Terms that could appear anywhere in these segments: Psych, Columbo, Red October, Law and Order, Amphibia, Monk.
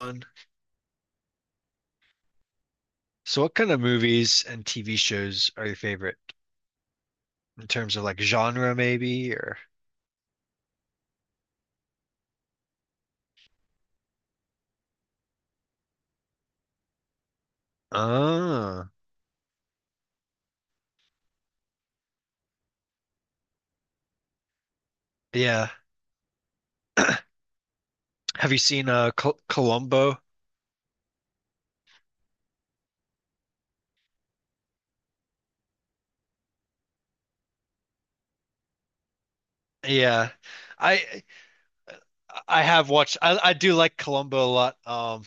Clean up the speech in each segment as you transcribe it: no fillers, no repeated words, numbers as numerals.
One. So what kind of movies and TV shows are your favorite in terms of like genre maybe or ah, yeah. Have you seen Columbo? Yeah. I I have watched, I do like Columbo a lot.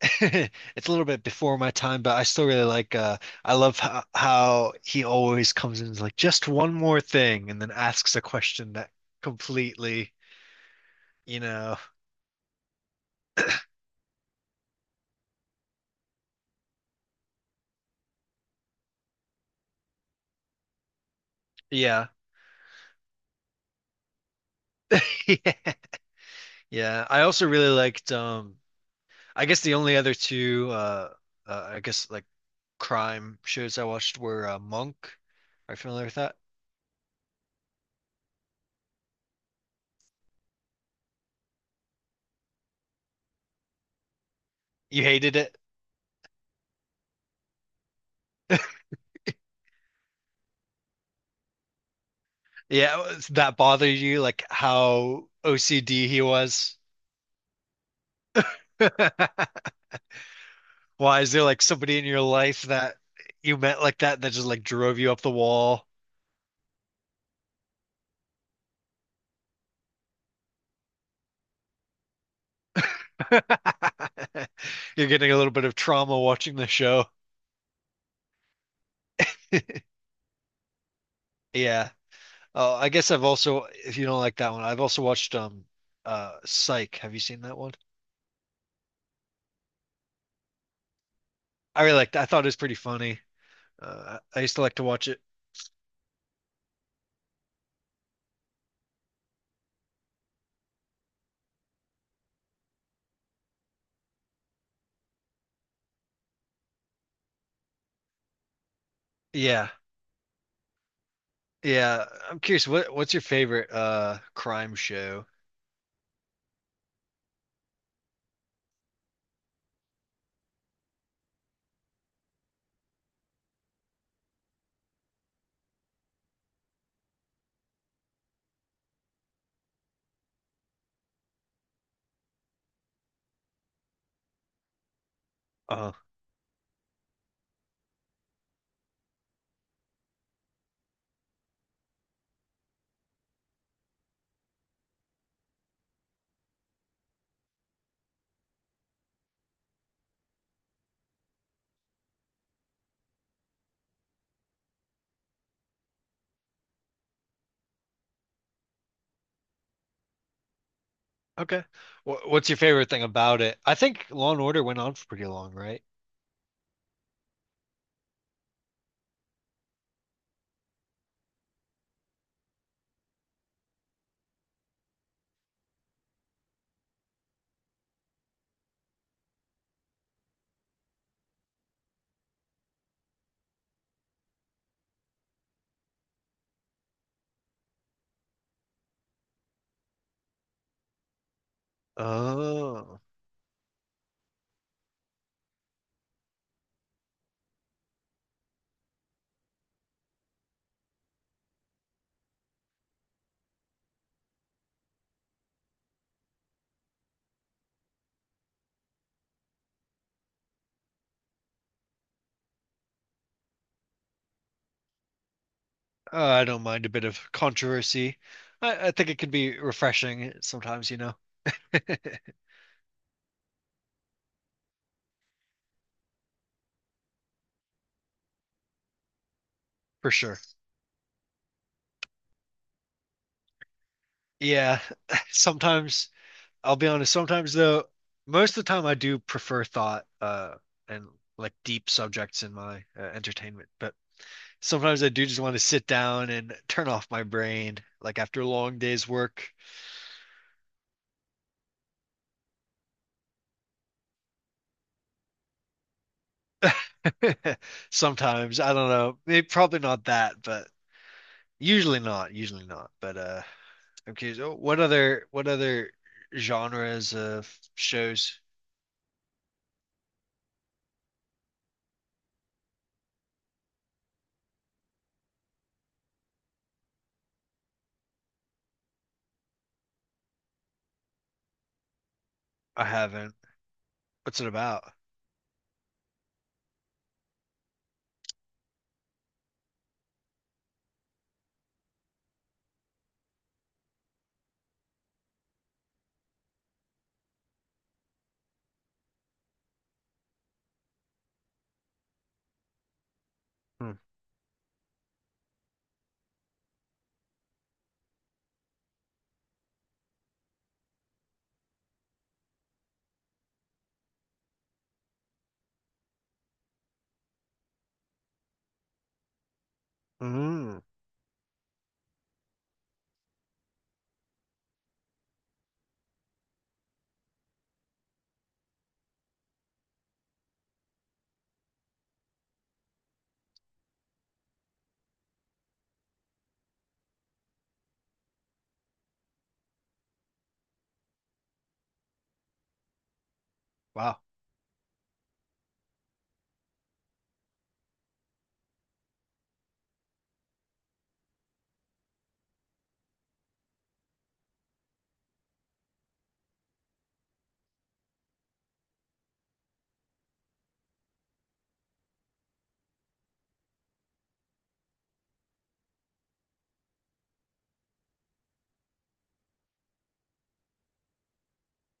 it's a little bit before my time, but I still really like I love how he always comes in and is like just one more thing, and then asks a question that completely, you know, yeah. Yeah, I also really liked I guess the only other two, I guess like crime shows I watched were Monk. Are you familiar with that? You hated it? Yeah, that bothered you, like how OCD he was? Why is there like somebody in your life that you met like that just like drove you up the wall? You're getting a little bit of trauma watching the show. Yeah. Oh, I guess I've also, if you don't like that one, I've also watched Psych. Have you seen that one? I really liked, I thought it was pretty funny. I used to like to watch it. Yeah. Yeah. I'm curious, what's your favorite crime show? Uh okay. What's your favorite thing about it? I think Law and Order went on for pretty long, right? Oh. I don't mind a bit of controversy. I think it can be refreshing sometimes, you know. For sure. Yeah. Sometimes I'll be honest, sometimes though, most of the time I do prefer thought and like deep subjects in my entertainment, but sometimes I do just want to sit down and turn off my brain like after a long day's work. Sometimes, I don't know, maybe probably not that, but usually not. But I'm curious, oh, what other genres of shows I haven't? What's it about? Hmm. Mm. Wow.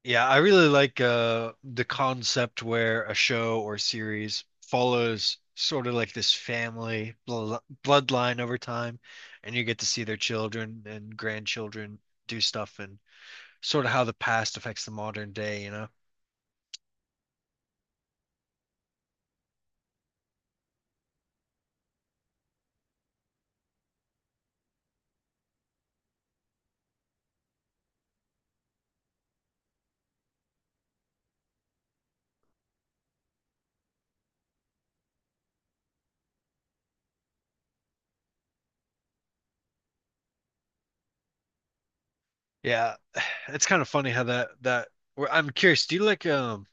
Yeah, I really like the concept where a show or series follows sort of like this family bl bloodline over time, and you get to see their children and grandchildren do stuff, and sort of how the past affects the modern day, you know? Yeah, it's kind of funny how I'm curious,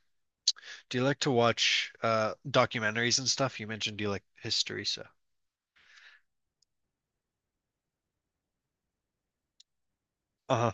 do you like to watch documentaries and stuff? You mentioned you like history, so. Uh-huh.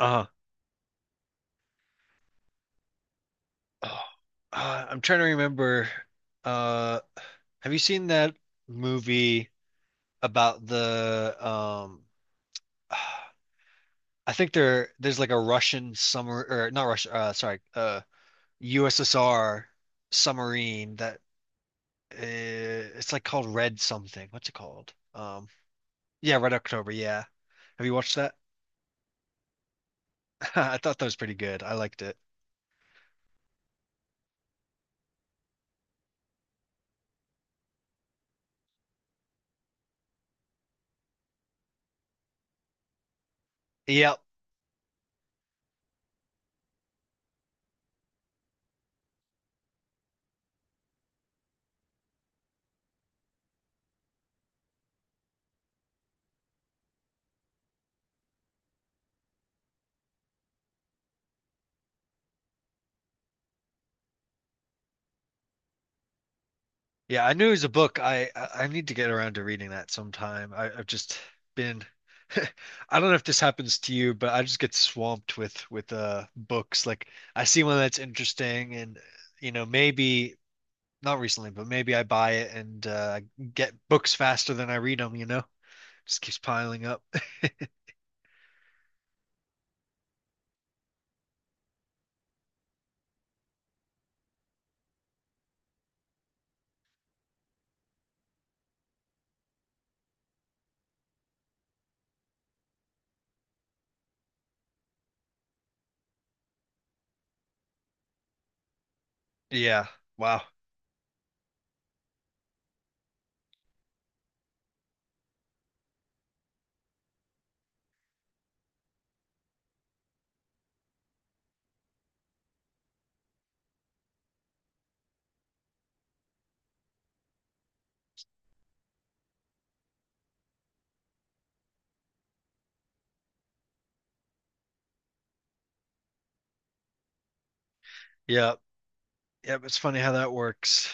Uh-huh. Oh, I'm trying to remember. Uh, Have you seen that movie about the I think there's like a Russian summer or not Russia sorry USSR submarine that it's like called Red something. What's it called? Yeah, Red October, yeah. Have you watched that? I thought that was pretty good. I liked it. Yeah. Yeah, I knew it was a book. I need to get around to reading that sometime. I, I've just been I don't know if this happens to you, but I just get swamped with with books. Like I see one that's interesting, and you know, maybe not recently, but maybe I buy it, and get books faster than I read them, you know? Just keeps piling up. Yeah. Wow. Yeah. Yeah, it's funny how that works.